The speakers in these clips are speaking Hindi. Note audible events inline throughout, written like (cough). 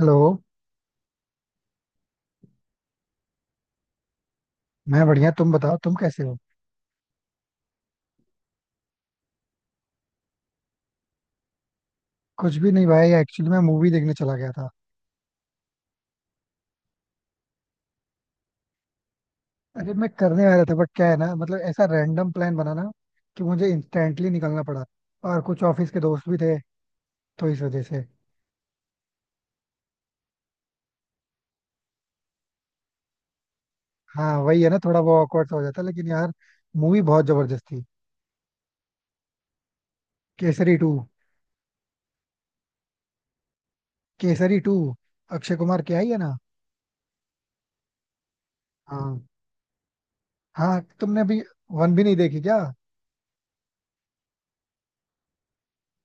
हेलो। मैं बढ़िया। तुम बताओ तुम कैसे हो। कुछ भी नहीं भाई, एक्चुअली मैं मूवी देखने चला गया था। अरे, मैं करने वाला था बट क्या है ना, मतलब ऐसा रैंडम प्लान बना ना कि मुझे इंस्टेंटली निकलना पड़ा। और कुछ ऑफिस के दोस्त भी थे तो इस वजह से। हाँ, वही है ना, थोड़ा वो awkward सा हो जाता लेकिन यार। मूवी बहुत जबरदस्त थी। केसरी टू। केसरी टू। अक्षय कुमार की आई है ना। हाँ हाँ, तुमने अभी वन भी नहीं देखी क्या?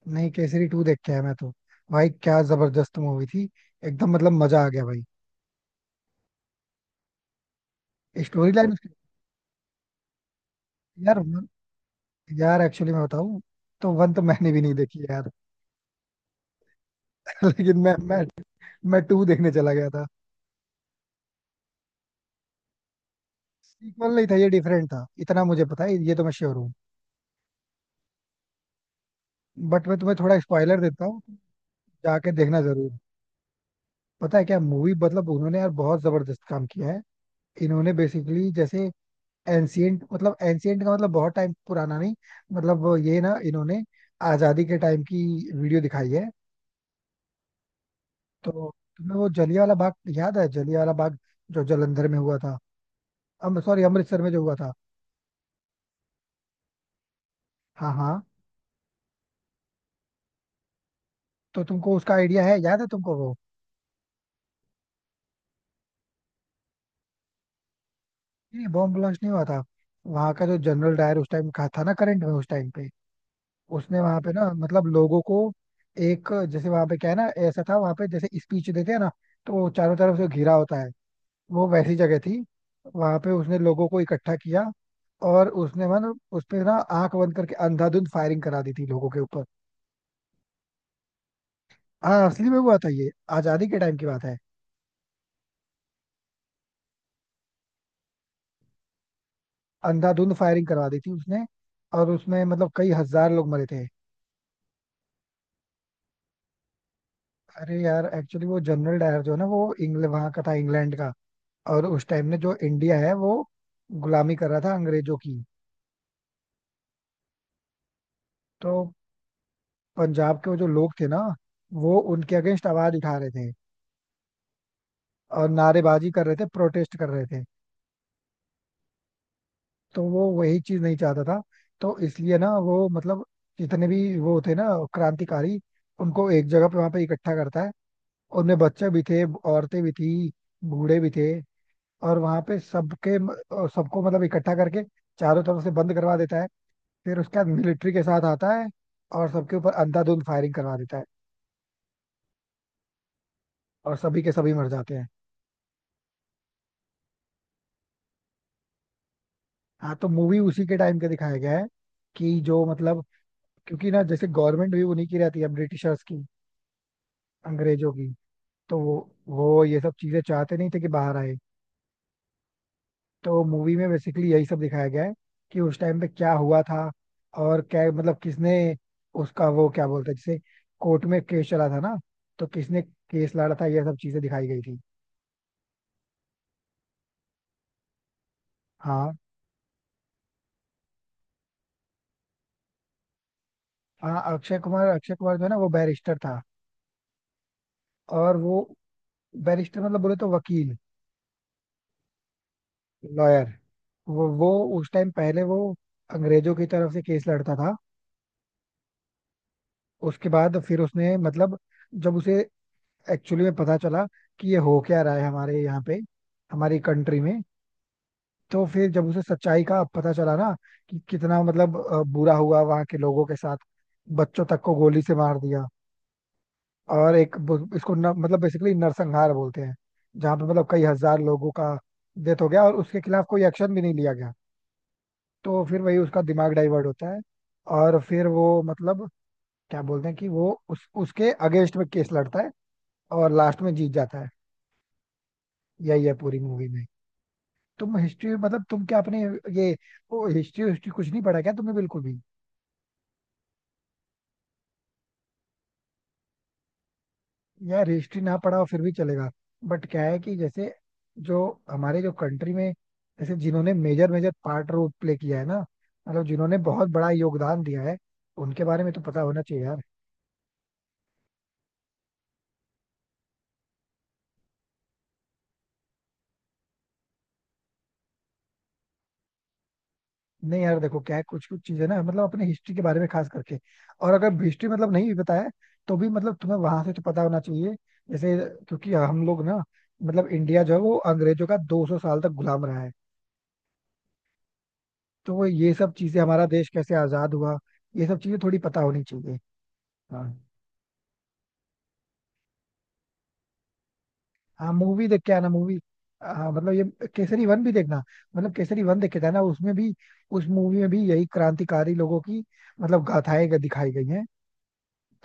नहीं, केसरी टू देख के आया मैं तो। भाई क्या जबरदस्त मूवी थी। एकदम मतलब मजा आ गया भाई। Story line. यार वन, यार एक्चुअली मैं बताऊं तो वन तो मैंने भी नहीं देखी यार। (laughs) लेकिन मैं टू देखने चला गया था। सीक्वल नहीं था, ये डिफरेंट था, इतना मुझे पता है, ये तो मैं श्योर हूँ। बट मैं तुम्हें थोड़ा स्पॉइलर देता हूँ, तुम जाके देखना जरूर। पता है क्या मूवी, मतलब उन्होंने यार बहुत जबरदस्त काम किया है। इन्होंने बेसिकली जैसे एंशियंट, मतलब एंशियंट का मतलब बहुत टाइम पुराना नहीं। मतलब वो ये ना, इन्होंने आजादी के टाइम की वीडियो दिखाई है। तो तुम्हें वो जलिया वाला बाग याद है, जलिया वाला बाग जो जलंधर में हुआ था, अम सॉरी अमृतसर में जो हुआ था। हाँ हाँ, तो तुमको उसका आइडिया है, याद है तुमको वो। नहीं, बॉम्ब ब्लास्ट नहीं हुआ था। वहां का जो जनरल डायर उस टाइम का था ना, करंट में उस टाइम पे उसने वहां पे ना, मतलब लोगों को। एक जैसे वहां पे क्या है ना, ऐसा था वहां पे, जैसे स्पीच देते हैं ना तो वो चारों तरफ से घिरा होता है। वो वैसी जगह थी। वहां पे उसने लोगों को इकट्ठा किया, और उसने मतलब उस पे ना आंख बंद करके अंधाधुंध फायरिंग करा दी थी लोगों के ऊपर। हाँ, असली में हुआ था ये, आजादी के टाइम की बात है। अंधाधुंध फायरिंग करवा दी थी उसने, और उसमें मतलब कई हजार लोग मरे थे। अरे यार एक्चुअली वो जनरल डायर जो है ना, वो इंग्लैंड वहां का था, इंग्लैंड का। और उस टाइम में जो इंडिया है वो गुलामी कर रहा था अंग्रेजों की। तो पंजाब के वो जो लोग थे ना, वो उनके अगेंस्ट आवाज उठा रहे थे, और नारेबाजी कर रहे थे, प्रोटेस्ट कर रहे थे। तो वो वही चीज नहीं चाहता था, तो इसलिए ना वो मतलब जितने भी वो थे ना, क्रांतिकारी, उनको एक जगह पे वहां पे इकट्ठा करता है। उनमें बच्चे भी थे, औरतें भी थी, बूढ़े भी थे और वहां पे सबके, और सबको मतलब इकट्ठा करके चारों तरफ से बंद करवा देता है। फिर उसके बाद मिलिट्री के साथ आता है, और सबके ऊपर अंधाधुंध फायरिंग करवा देता है, और सभी के सभी मर जाते हैं। हाँ, तो मूवी उसी के टाइम का दिखाया गया है, कि जो मतलब, क्योंकि ना जैसे गवर्नमेंट भी उन्हीं की रहती है ब्रिटिशर्स की, अंग्रेजों की। तो वो ये सब चीजें चाहते नहीं थे कि बाहर आए। तो मूवी में बेसिकली यही सब दिखाया गया है कि उस टाइम पे क्या हुआ था और क्या मतलब किसने उसका, वो क्या बोलते हैं जैसे, कोर्ट में केस चला था ना, तो किसने केस लड़ा था ये सब चीजें दिखाई गई थी। हाँ हाँ, अक्षय कुमार, अक्षय कुमार जो है ना वो बैरिस्टर था। और वो बैरिस्टर मतलब बोले तो वकील, लॉयर। वो उस टाइम पहले वो अंग्रेजों की तरफ से केस लड़ता था। उसके बाद फिर उसने मतलब, जब उसे एक्चुअली में पता चला कि ये हो क्या रहा है हमारे यहाँ पे, हमारी कंट्री में। तो फिर जब उसे सच्चाई का पता चला ना, कि कितना मतलब बुरा हुआ वहां के लोगों के साथ। बच्चों तक को गोली से मार दिया, और एक इसको न, मतलब बेसिकली नरसंहार बोलते हैं। जहाँ पे मतलब कई हजार लोगों का डेथ हो गया, और उसके खिलाफ कोई एक्शन भी नहीं लिया गया। तो फिर वही उसका दिमाग डाइवर्ट होता है। और फिर वो मतलब क्या बोलते हैं कि वो उस उसके अगेंस्ट में केस लड़ता है, और लास्ट में जीत जाता है। यही है पूरी मूवी में। तुम हिस्ट्री मतलब तुम क्या अपने, ये वो, हिस्ट्री हिस्ट्री कुछ नहीं पढ़ा क्या तुमने, बिल्कुल भी? यार हिस्ट्री ना पढ़ा हो फिर भी चलेगा, बट क्या है कि जैसे, जो हमारे जो कंट्री में, जैसे जिन्होंने major major part role play किया है ना, मतलब जिन्होंने बहुत बड़ा योगदान दिया है, उनके बारे में तो पता होना चाहिए यार। नहीं यार देखो क्या है, कुछ कुछ चीजें ना मतलब अपने हिस्ट्री के बारे में खास करके। और अगर हिस्ट्री मतलब नहीं भी बताया तो भी मतलब तुम्हें वहां से तो पता होना चाहिए, जैसे। क्योंकि हम लोग ना मतलब इंडिया जो है वो अंग्रेजों का 200 साल तक गुलाम रहा है। तो वो ये सब चीजें, हमारा देश कैसे आजाद हुआ, ये सब चीजें थोड़ी पता होनी चाहिए। हाँ, हाँ मूवी देख के आना, मूवी। हाँ मतलब ये, केसरी वन भी देखना, मतलब केसरी वन देख के जाना, उसमें भी। उस मूवी में भी यही क्रांतिकारी लोगों की मतलब गाथाएं दिखाई गई हैं।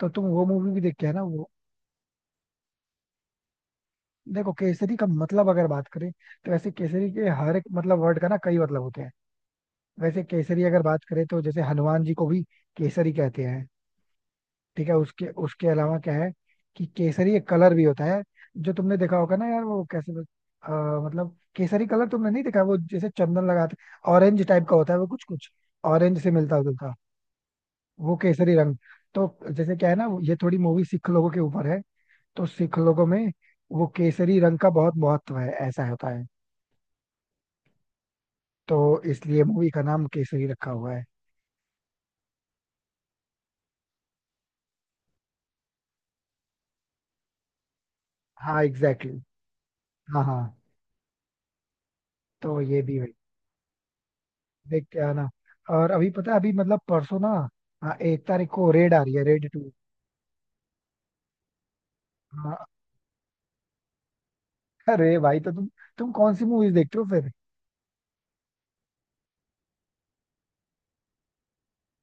तो तुम वो मूवी भी देख के आना, वो। देखो केसरी का मतलब अगर बात करें तो, वैसे केसरी के हर एक मतलब वर्ड का ना कई मतलब होते हैं। वैसे केसरी अगर बात करें तो, जैसे हनुमान जी को भी केसरी कहते हैं। ठीक है, उसके उसके अलावा क्या है कि केसरी एक कलर भी होता है। जो तुमने देखा होगा ना यार, वो कैसे अ, मतलब केसरी कलर तुमने नहीं देखा, वो जैसे चंदन लगाते ऑरेंज टाइप का होता है वो कुछ कुछ, ऑरेंज से मिलता जुलता। वो केसरी रंग, तो जैसे क्या है ना ये थोड़ी मूवी सिख लोगों के ऊपर है, तो सिख लोगों में वो केसरी रंग का बहुत महत्व है, ऐसा होता है। तो इसलिए मूवी का नाम केसरी रखा हुआ है। हाँ एग्जैक्टली exactly। हाँ हाँ, तो ये भी है। देख के आना। और अभी पता है अभी मतलब परसों ना, हाँ, एक तारीख को रेड आ रही है, रेड टू। हाँ। अरे भाई तो तुम कौन सी मूवीज देखते हो फिर?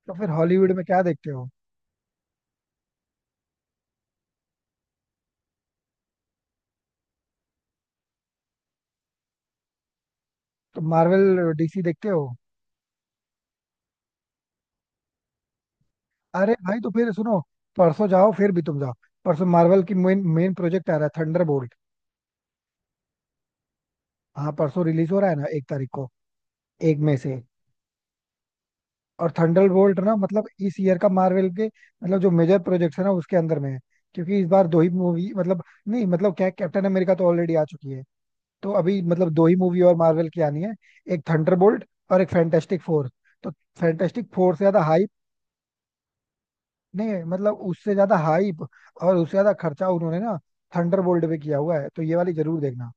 तो फिर हॉलीवुड में क्या देखते हो? तुम मार्वल डीसी देखते हो? अरे भाई तो फिर सुनो, परसों जाओ, फिर भी तुम जाओ, परसों मार्वल की मेन मेन प्रोजेक्ट आ रहा है, थंडरबोल्ट। हाँ परसों रिलीज हो रहा है ना, एक तारीख को, एक मई से। और थंडरबोल्ट ना मतलब इस ईयर का मार्वल के मतलब जो मेजर प्रोजेक्ट है ना उसके अंदर में है। क्योंकि इस बार दो ही मूवी मतलब, नहीं मतलब क्या, कैप्टन अमेरिका तो ऑलरेडी आ चुकी है। तो अभी मतलब दो ही मूवी और मार्वल की आनी है, एक थंडरबोल्ट और एक फैंटास्टिक फोर। तो फैंटास्टिक फोर से ज्यादा हाइप नहीं है, मतलब उससे ज्यादा हाइप और उससे ज्यादा खर्चा उन्होंने ना थंडरबोल्ट पे किया हुआ है, तो ये वाली जरूर देखना।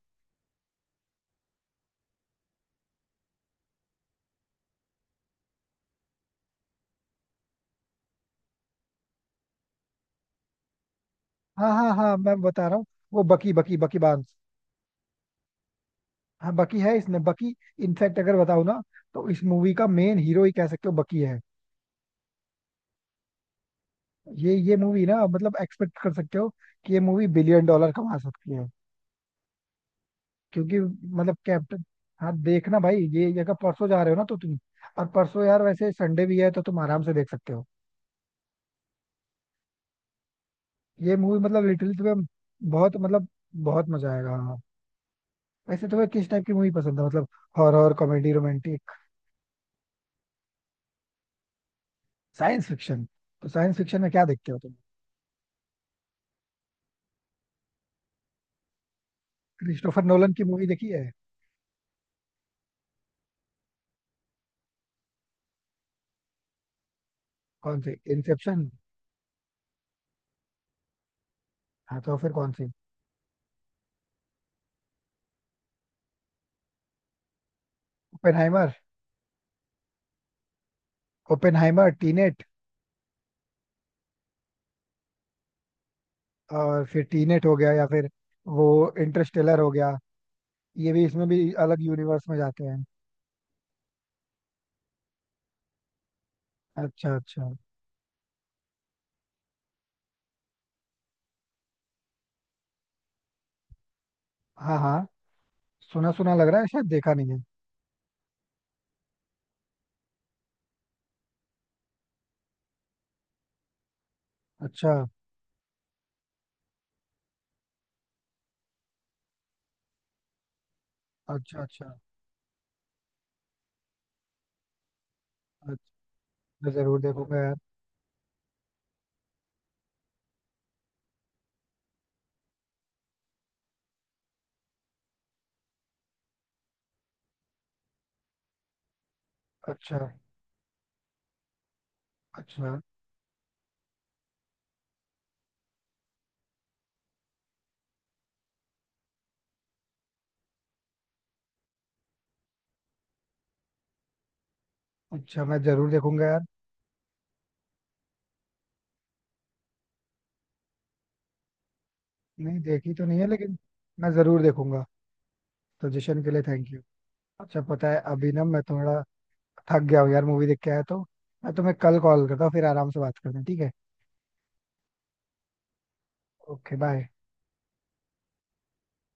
हाँ हाँ हाँ मैं बता रहा हूँ, वो बकी बकी बकी बांस। हाँ बकी है इसमें, बकी। इनफैक्ट अगर बताऊँ ना, तो इस मूवी का मेन हीरो ही कह सकते हो, बकी है। ये मूवी ना मतलब एक्सपेक्ट कर सकते हो कि ये मूवी बिलियन डॉलर कमा सकती है। क्योंकि मतलब कैप्टन, हाँ देखना भाई, ये अगर परसों जा रहे हो ना तो तुम, और परसों यार वैसे संडे भी है तो तुम आराम से देख सकते हो। ये मूवी मतलब लिटरली तुम्हें, बहुत मतलब बहुत मजा आएगा, हाँ। वैसे तुम्हें किस टाइप की मूवी पसंद है, मतलब horror, comedy, romantic? Science fiction? तो साइंस फिक्शन में क्या देखते हो तुम? क्रिस्टोफर नोलन की मूवी देखी है? कौन सी? इंसेप्शन? हाँ तो फिर कौन सी? ओपेनहाइमर? Oppenheimer Tenet? और फिर टीनेट हो गया या फिर वो इंटरस्टेलर हो गया, ये भी, इसमें भी अलग यूनिवर्स में जाते हैं। अच्छा अच्छा, हाँ हाँ सुना सुना लग रहा है, शायद देखा नहीं है। अच्छा अच्छा। अच्छा अच्छा मैं जरूर देखूंगा यार। अच्छा अच्छा। अच्छा मैं जरूर देखूंगा यार। नहीं देखी तो नहीं है लेकिन मैं जरूर देखूंगा। सजेशन के लिए थैंक यू। अच्छा पता है अभी ना, मैं थोड़ा थक गया हूँ यार, मूवी देख के आया तो। मैं तुम्हें कल कॉल करता हूँ, फिर आराम से बात करते हैं, ठीक है? Okay bye.